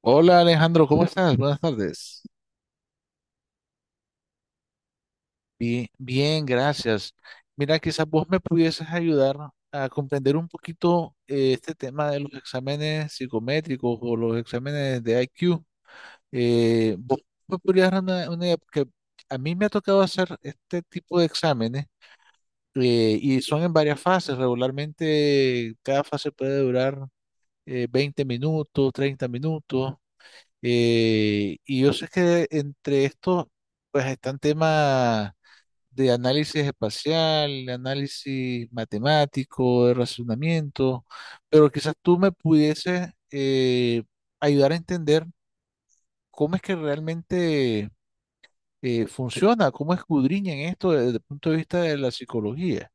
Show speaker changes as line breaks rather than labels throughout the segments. Hola Alejandro, ¿cómo estás? Buenas tardes. Bien, bien, gracias. Mira, quizás vos me pudieses ayudar a comprender un poquito este tema de los exámenes psicométricos o los exámenes de IQ. Vos me podrías dar una idea, porque a mí me ha tocado hacer este tipo de exámenes y son en varias fases. Regularmente cada fase puede durar 20 minutos, 30 minutos. Y yo sé que entre estos, pues están temas de análisis espacial, de análisis matemático, de razonamiento, pero quizás tú me pudieses ayudar a entender cómo es que realmente funciona, cómo escudriñan esto desde el punto de vista de la psicología.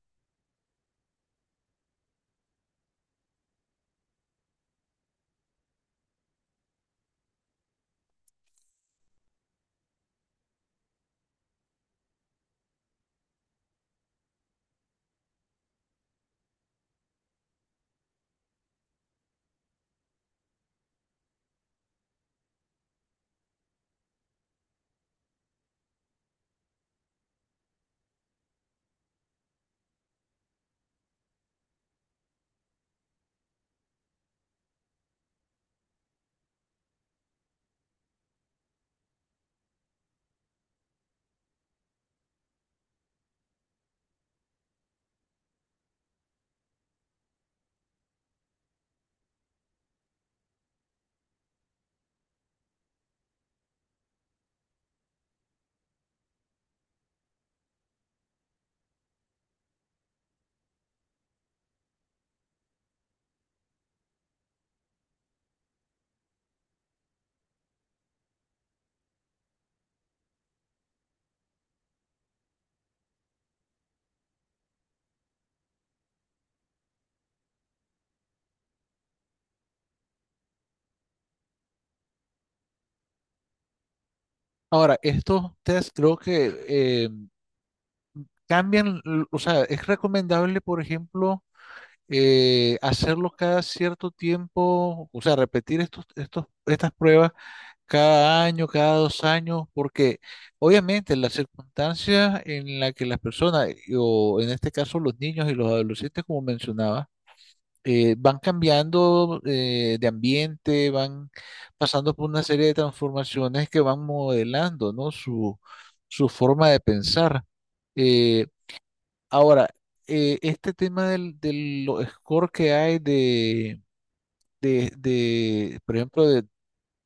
Ahora, estos test creo que cambian, o sea, es recomendable, por ejemplo, hacerlo cada cierto tiempo, o sea, repetir estas pruebas cada año, cada dos años, porque obviamente las circunstancias en las que las personas, o en este caso los niños y los adolescentes, como mencionaba, van cambiando de ambiente, van pasando por una serie de transformaciones que van modelando, ¿no? Su forma de pensar. Eh, Ahora, este tema del score que hay por ejemplo,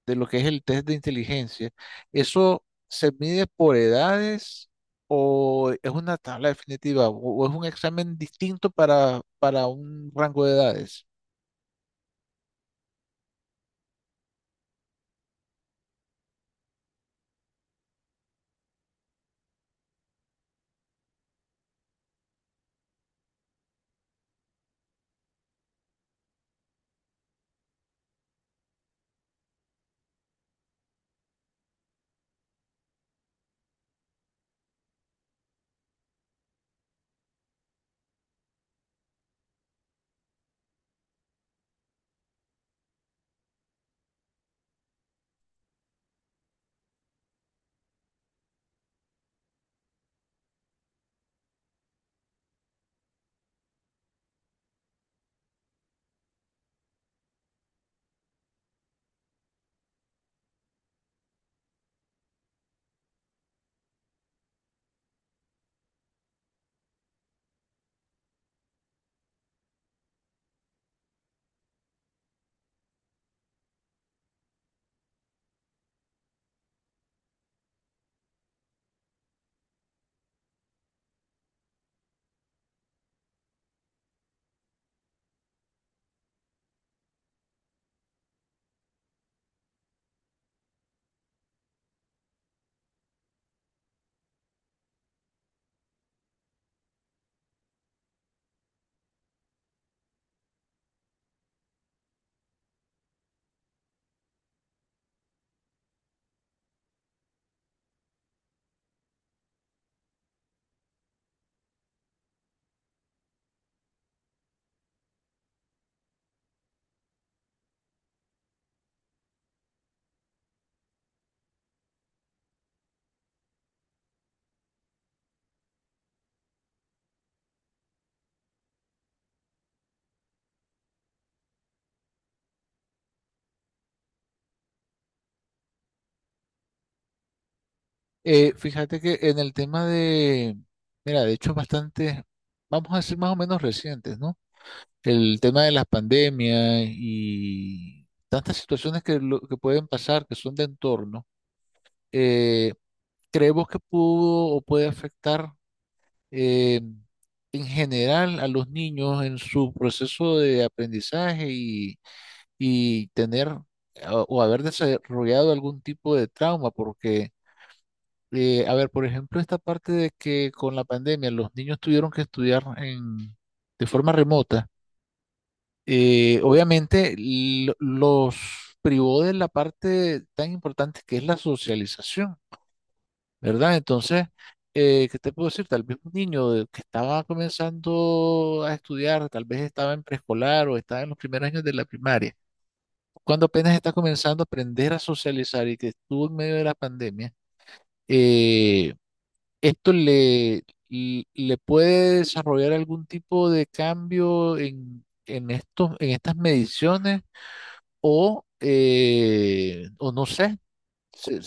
de lo que es el test de inteligencia, ¿eso se mide por edades o es una tabla definitiva o es un examen distinto para un rango de edades? Fíjate que en el tema de, mira, de hecho bastante, vamos a decir más o menos recientes, ¿no? El tema de las pandemias y tantas situaciones que, que pueden pasar, que son de entorno, eh, creemos que pudo o puede afectar eh, en general a los niños en su proceso de aprendizaje y tener o haber desarrollado algún tipo de trauma, porque, a ver, por ejemplo, esta parte de que con la pandemia los niños tuvieron que estudiar en, de forma remota. Obviamente los privó de la parte tan importante que es la socialización, ¿verdad? Entonces, ¿qué te puedo decir? Tal vez un que estaba comenzando a estudiar, tal vez estaba en preescolar o estaba en los primeros años de la primaria, cuando apenas está comenzando a aprender a socializar y que estuvo en medio de la pandemia, eh, esto le, le puede desarrollar algún tipo de cambio en estos, en estas mediciones o no sé, si-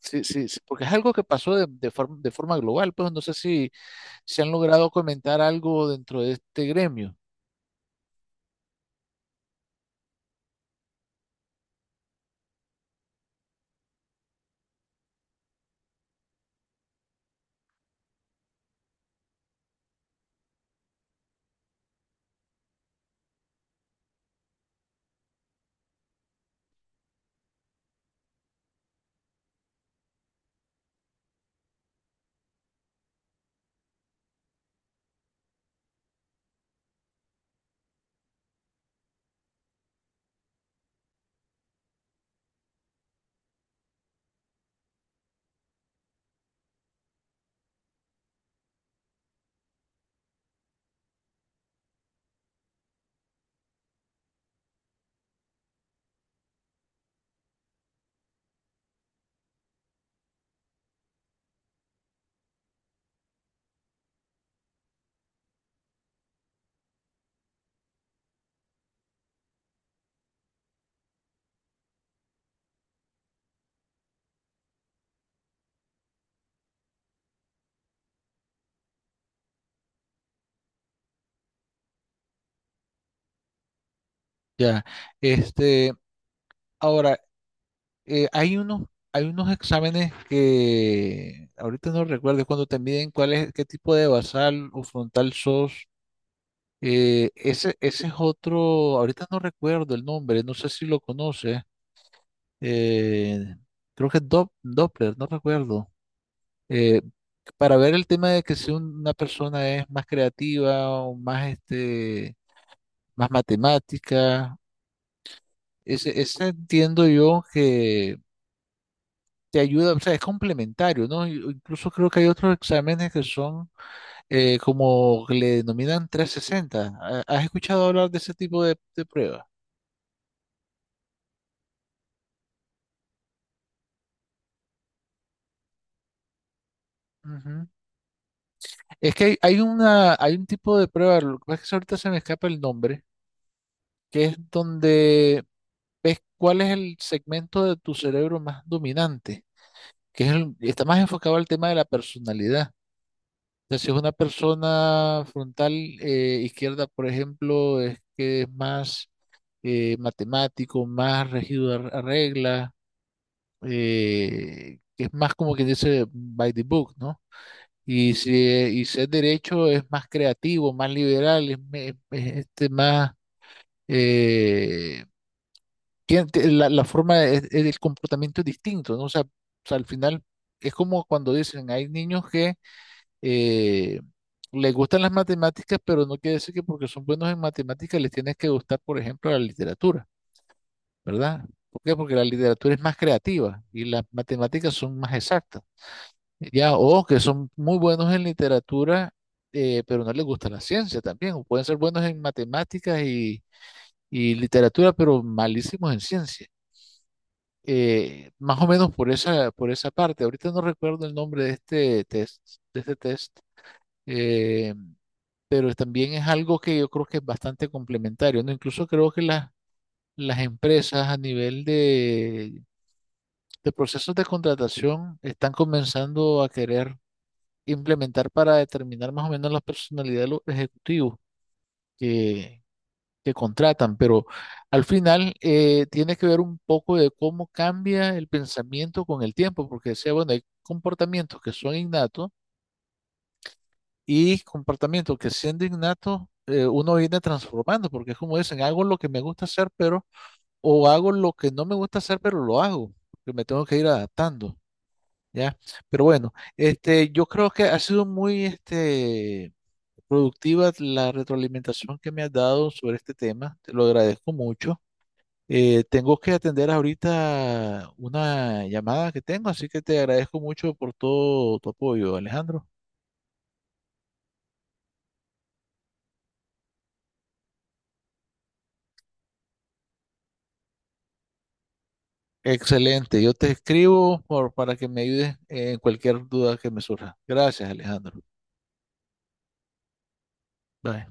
porque es algo que pasó de forma global, pues no sé si se han logrado comentar algo dentro de este gremio. Ya, este, ahora, eh, hay unos, hay unos exámenes que ahorita no recuerdo cuando te miden cuál es, qué tipo de basal o frontal sos. Ese es otro, ahorita no recuerdo el nombre, no sé si lo conoces. eh, Creo que es Doppler, no recuerdo. eh, para ver el tema de que si una persona es más creativa o más, este, más matemática, ese entiendo yo que te ayuda, o sea, es complementario, ¿no? O incluso creo que hay otros exámenes que son como que le denominan 360. ¿Has escuchado hablar de ese tipo de pruebas? Ujú. Es que hay un tipo de prueba, lo que pasa es que ahorita se me escapa el nombre, que es donde ves cuál es el segmento de tu cerebro más dominante, que es está más enfocado al tema de la personalidad. O sea, si es una persona frontal izquierda, por ejemplo, es que es más matemático, más regido a reglas, que es más como que dice by the book, ¿no? Y si es derecho, es más creativo, más liberal, es, es este más... eh, la forma, el comportamiento es distinto, ¿no? O sea, al final es como cuando dicen, hay niños que eh, les gustan las matemáticas, pero no quiere decir que porque son buenos en matemáticas les tienes que gustar, por ejemplo, la literatura, ¿verdad? ¿Por qué? Porque la literatura es más creativa y las matemáticas son más exactas. Ya, o que son muy buenos en literatura, pero no les gusta la ciencia también. O pueden ser buenos en matemáticas y literatura, pero malísimos en ciencia. Más o menos por esa parte. Ahorita no recuerdo el nombre de este test, de este test. eh, pero también es algo que yo creo que es bastante complementario, ¿no? Incluso creo que las empresas a nivel de procesos de contratación están comenzando a querer implementar para determinar más o menos la personalidad de los ejecutivos que, que contratan, pero al final tiene que ver un poco de cómo cambia el pensamiento con el tiempo, porque decía, bueno, hay comportamientos que son innatos y comportamiento que siendo innato uno viene transformando, porque es como dicen, hago lo que me gusta hacer, pero, o hago lo que no me gusta hacer, pero lo hago, porque me tengo que ir adaptando, ¿ya? Pero bueno, este, yo creo que ha sido muy, este, productiva la retroalimentación que me has dado sobre este tema, te lo agradezco mucho. Tengo que atender ahorita una llamada que tengo, así que te agradezco mucho por todo tu apoyo, Alejandro. Excelente. Yo te escribo para que me ayudes en cualquier duda que me surja. Gracias, Alejandro. Bye.